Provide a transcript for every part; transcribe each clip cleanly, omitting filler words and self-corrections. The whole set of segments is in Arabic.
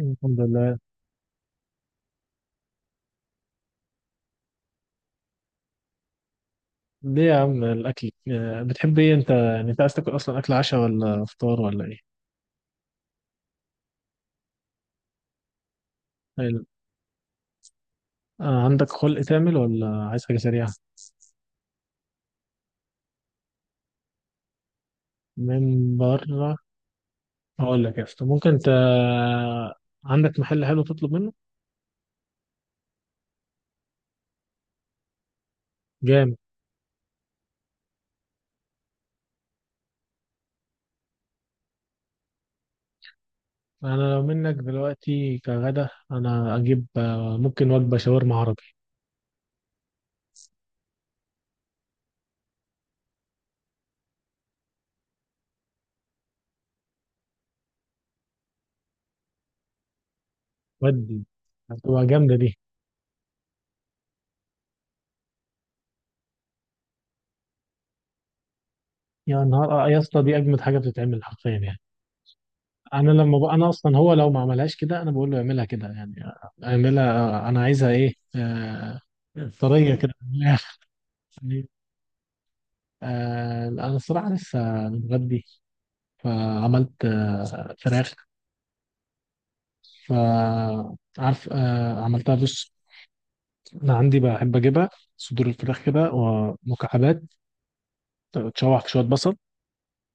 الحمد لله. ليه يا عم الأكل بتحب إيه أنت، يعني أنت عايز تاكل أصلا أكل عشاء ولا فطار ولا إيه؟ حلو. عندك خلق تعمل ولا عايز حاجة سريعة؟ من بره. هقول لك يا اسطى، ممكن أنت عندك محل حلو تطلب منه؟ جامد. أنا لو منك دلوقتي كغدا أنا أجيب ممكن وجبة شاورما عربي. ودي هتبقى جامدة دي. يا نهار يا اسطى دي أجمد حاجة بتتعمل حرفيا يعني. انا اصلا، هو لو ما عملهاش كده انا بقول له اعملها كده يعني. اعملها انا عايزها ايه. طريه كده يعني. انا الصراحه لسه متغدي. فعملت فراخ. فعارف عملتها بص. انا عندي بحب اجيبها صدور الفراخ كده ومكعبات. تشوح في شويه بصل،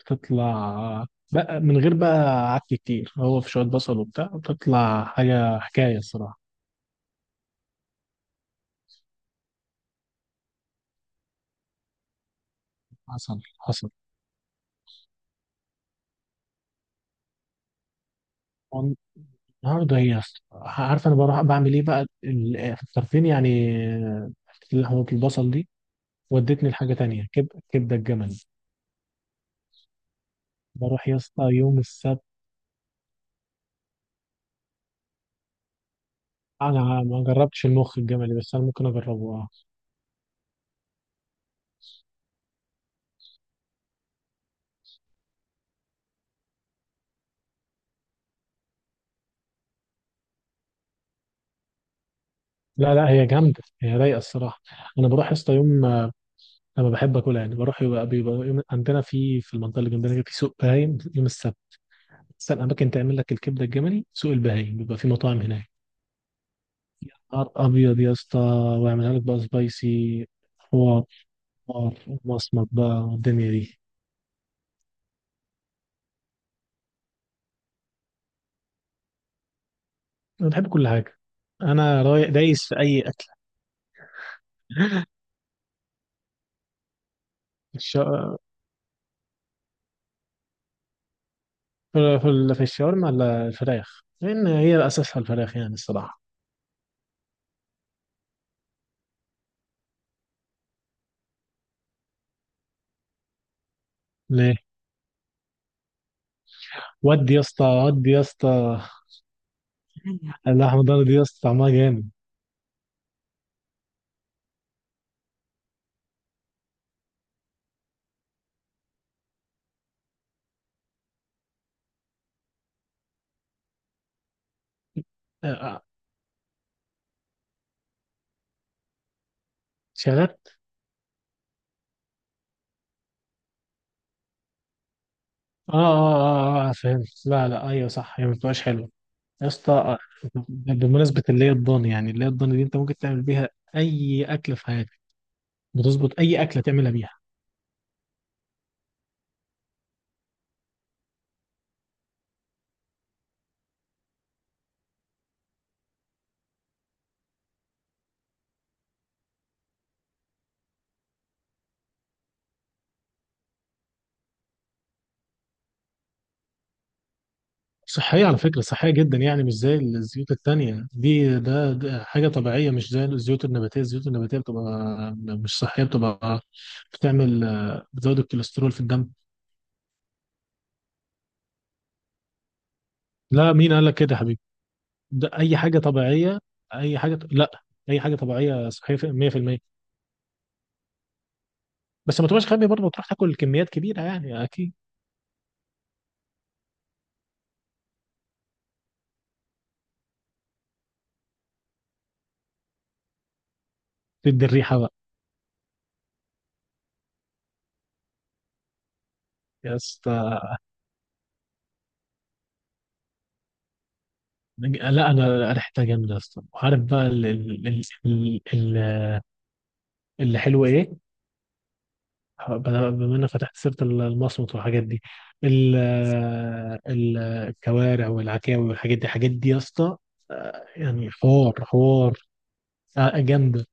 بتطلع بقى من غير بقى عك كتير، هو في شويه بصل وبتاع بتطلع حاجه حكايه الصراحه. حصل حصل. النهارده هي عارفه انا بروح بعمل ايه بقى، في الطرفين يعني، حته لحمه البصل دي ودتني لحاجه تانية، كبده الجمل. بروح يا اسطى يوم السبت. انا ما جربتش المخ الجملي بس انا ممكن اجربه، اه. لا لا، هي جامده، هي رايقه الصراحه. انا بروح يا اسطى يوم، لما بحب اكلها يعني بروح يبقى بيبقى يوم عندنا في المنطقه اللي جنبنا كده، في سوق بهايم يوم السبت. احسن اماكن تعمل لك الكبده الجملي سوق البهايم، بيبقى في مطاعم هناك. نهار ابيض يا اسطى، ويعملها لك بقى سبايسي، آه، مصمت بقى، والدنيا دي. انا بحب كل حاجه، انا رايق دايس في اي اكل. الش... في في ال- في الشاورما ولا الفراخ، لان هي اساسها الفراخ يعني الصراحه. ليه؟ ودي يا اسطى، ودي يا اسطى. اللحمه الضاني دي يا اسطى طعمها جامد. آه، شغال. اه اه اه اه فهمت. لا لا، ايوه صح، هي ما بتبقاش حلوه. يا اسطى، بمناسبه اللي هي الضاني يعني، اللي هي الضاني دي انت ممكن تعمل بيها اي اكل في حياتك، بتظبط اي اكله تعملها بيها. صحية على فكرة، صحية جدا يعني، مش زي الزيوت التانية دي. ده حاجة طبيعية، مش زي الزيوت النباتية بتبقى مش صحية، بتبقى بتعمل، بتزود الكوليسترول في الدم. لا، مين قال لك كده يا حبيبي؟ ده أي حاجة طبيعية. أي حاجة لا. أي حاجة طبيعية صحية 100%. بس ما تبقاش غبي برضه تروح تاكل كميات كبيرة يعني، أكيد. تدي الريحة بقى يا اسطى. لا، أنا ريحتها جامدة يا اسطى، وعارف بقى اللي حلو إيه. بما انك فتحت سيره المصمت والحاجات دي، ال- الكوارع والعكاوي والحاجات دي، الحاجات دي يا اسطى، يعني حوار حوار. جامده.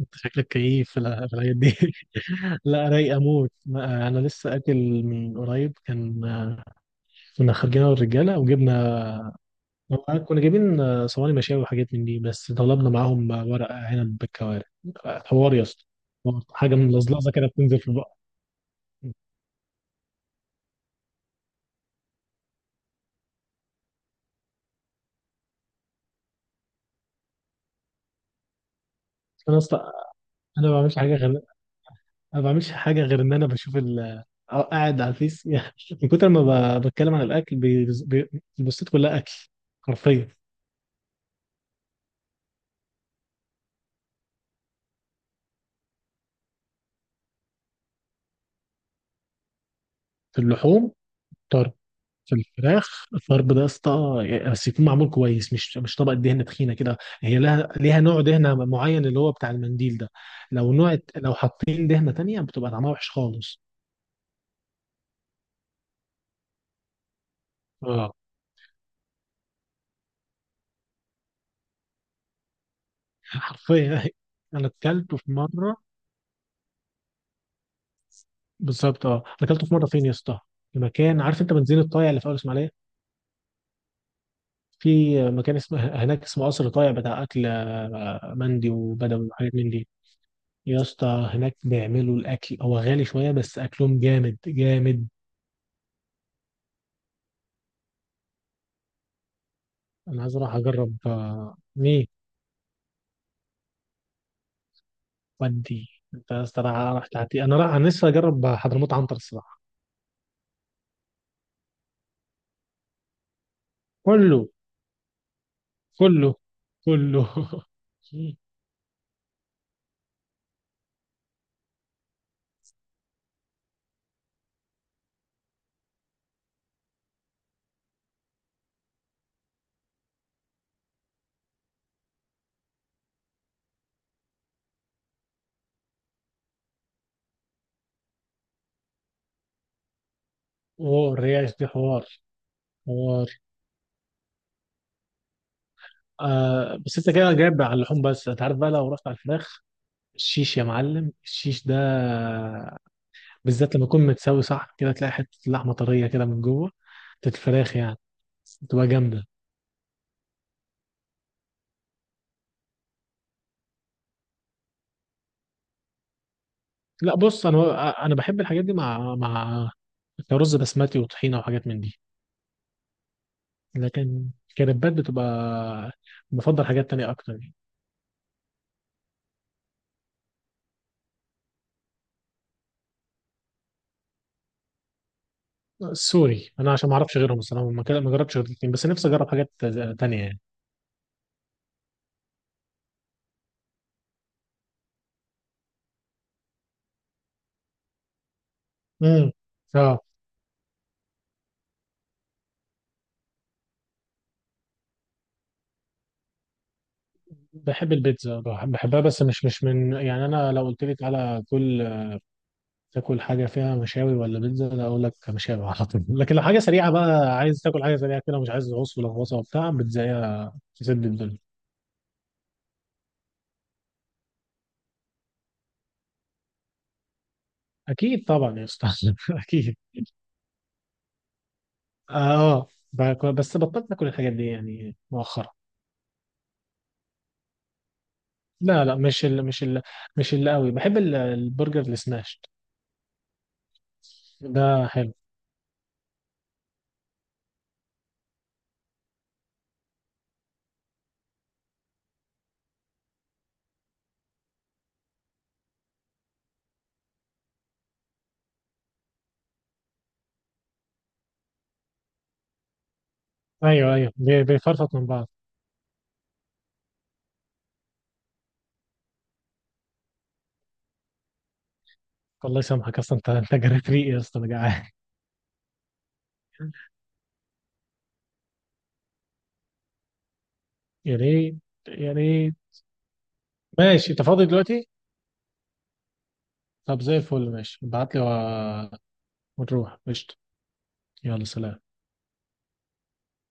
انت شكلك كيف، في الحاجات دي لا رايق اموت، انا لسه اكل من قريب، كان كنا خارجين أنا والرجاله وجبنا، كنا جايبين صواني مشاوي وحاجات من دي، بس طلبنا معاهم ورق عنب بالكوارع. حوار يا اسطى. حاجه ملزلزه كده بتنزل في البق. انا اصلا، انا ما بعملش حاجة غير إن أنا بشوف أو قاعد على الفيس يعني. من كتر ما بتكلم عن الأكل، البوستات كلها أكل حرفيا. في اللحوم، طرب. في الفراخ الطرب ده يا اسطى، بس يكون معمول كويس، مش طبقة دهنة تخينة كده، هي ليها نوع دهنة معين اللي هو بتاع المنديل ده. لو حاطين دهنة تانية بتبقى طعمها وحش خالص. اه حرفيا أنا أكلته في مرة. بالظبط. اه، أنا أكلته في مرة، فين يا اسطى؟ في مكان، عارف أنت بنزين الطايع اللي في أول إسماعيلية؟ في مكان اسمه هناك اسمه قصر طايع بتاع اكل مندي وبدوي وحاجات من دي. يا اسطى هناك بيعملوا الاكل، هو غالي شويه بس اكلهم جامد جامد. انا عايز اروح اجرب ميه. ودي. انت يا اسطى راح تعطي. انا لسه اجرب حضرموت عنتر الصراحه. كله كله كله هو الريش دي حوار. حوار، بس انت كده جايب على اللحوم، بس انت عارف بقى لو رحت على الفراخ الشيش يا معلم، الشيش ده بالذات لما يكون متساوي صح كده تلاقي حتة لحمة طرية كده من جوه، بتاعت الفراخ يعني، تبقى جامدة. لا بص، أنا بحب الحاجات دي، مع رز بسمتي وطحينة وحاجات من دي. لكن كريبات بتبقى، بفضل حاجات تانية أكتر يعني. سوري أنا عشان ما أعرفش غيرهم الصراحة، ما جربتش غير الاتنين بس، نفسي أجرب حاجات تانية يعني. امم. اه، بحب البيتزا، بحبها، بس مش من يعني. أنا لو قلت لي تعالى تاكل حاجة فيها مشاوي ولا بيتزا، لا، أقول لك مشاوي على طول. لكن لو حاجة سريعة بقى، عايز تاكل حاجة سريعة كده، مش عايز عص ولا غوصة وبتاع، بيتزاية تسد الدنيا. أكيد طبعا يا أستاذ أكيد. آه بس بطلت آكل الحاجات دي يعني، مؤخرا. لا لا، مش اللي قوي بحب البرجر السماشت ده حلو. ايوه ايوه بيفرفط من بعض. الله يسامحك، اصلا انت جريت ريقي يا اسطى، انا جعان. يا ريت يا ريت. ماشي، انت فاضي دلوقتي؟ طب زي الفل، ماشي ابعت لي ونروح قشطة. يلا سلام.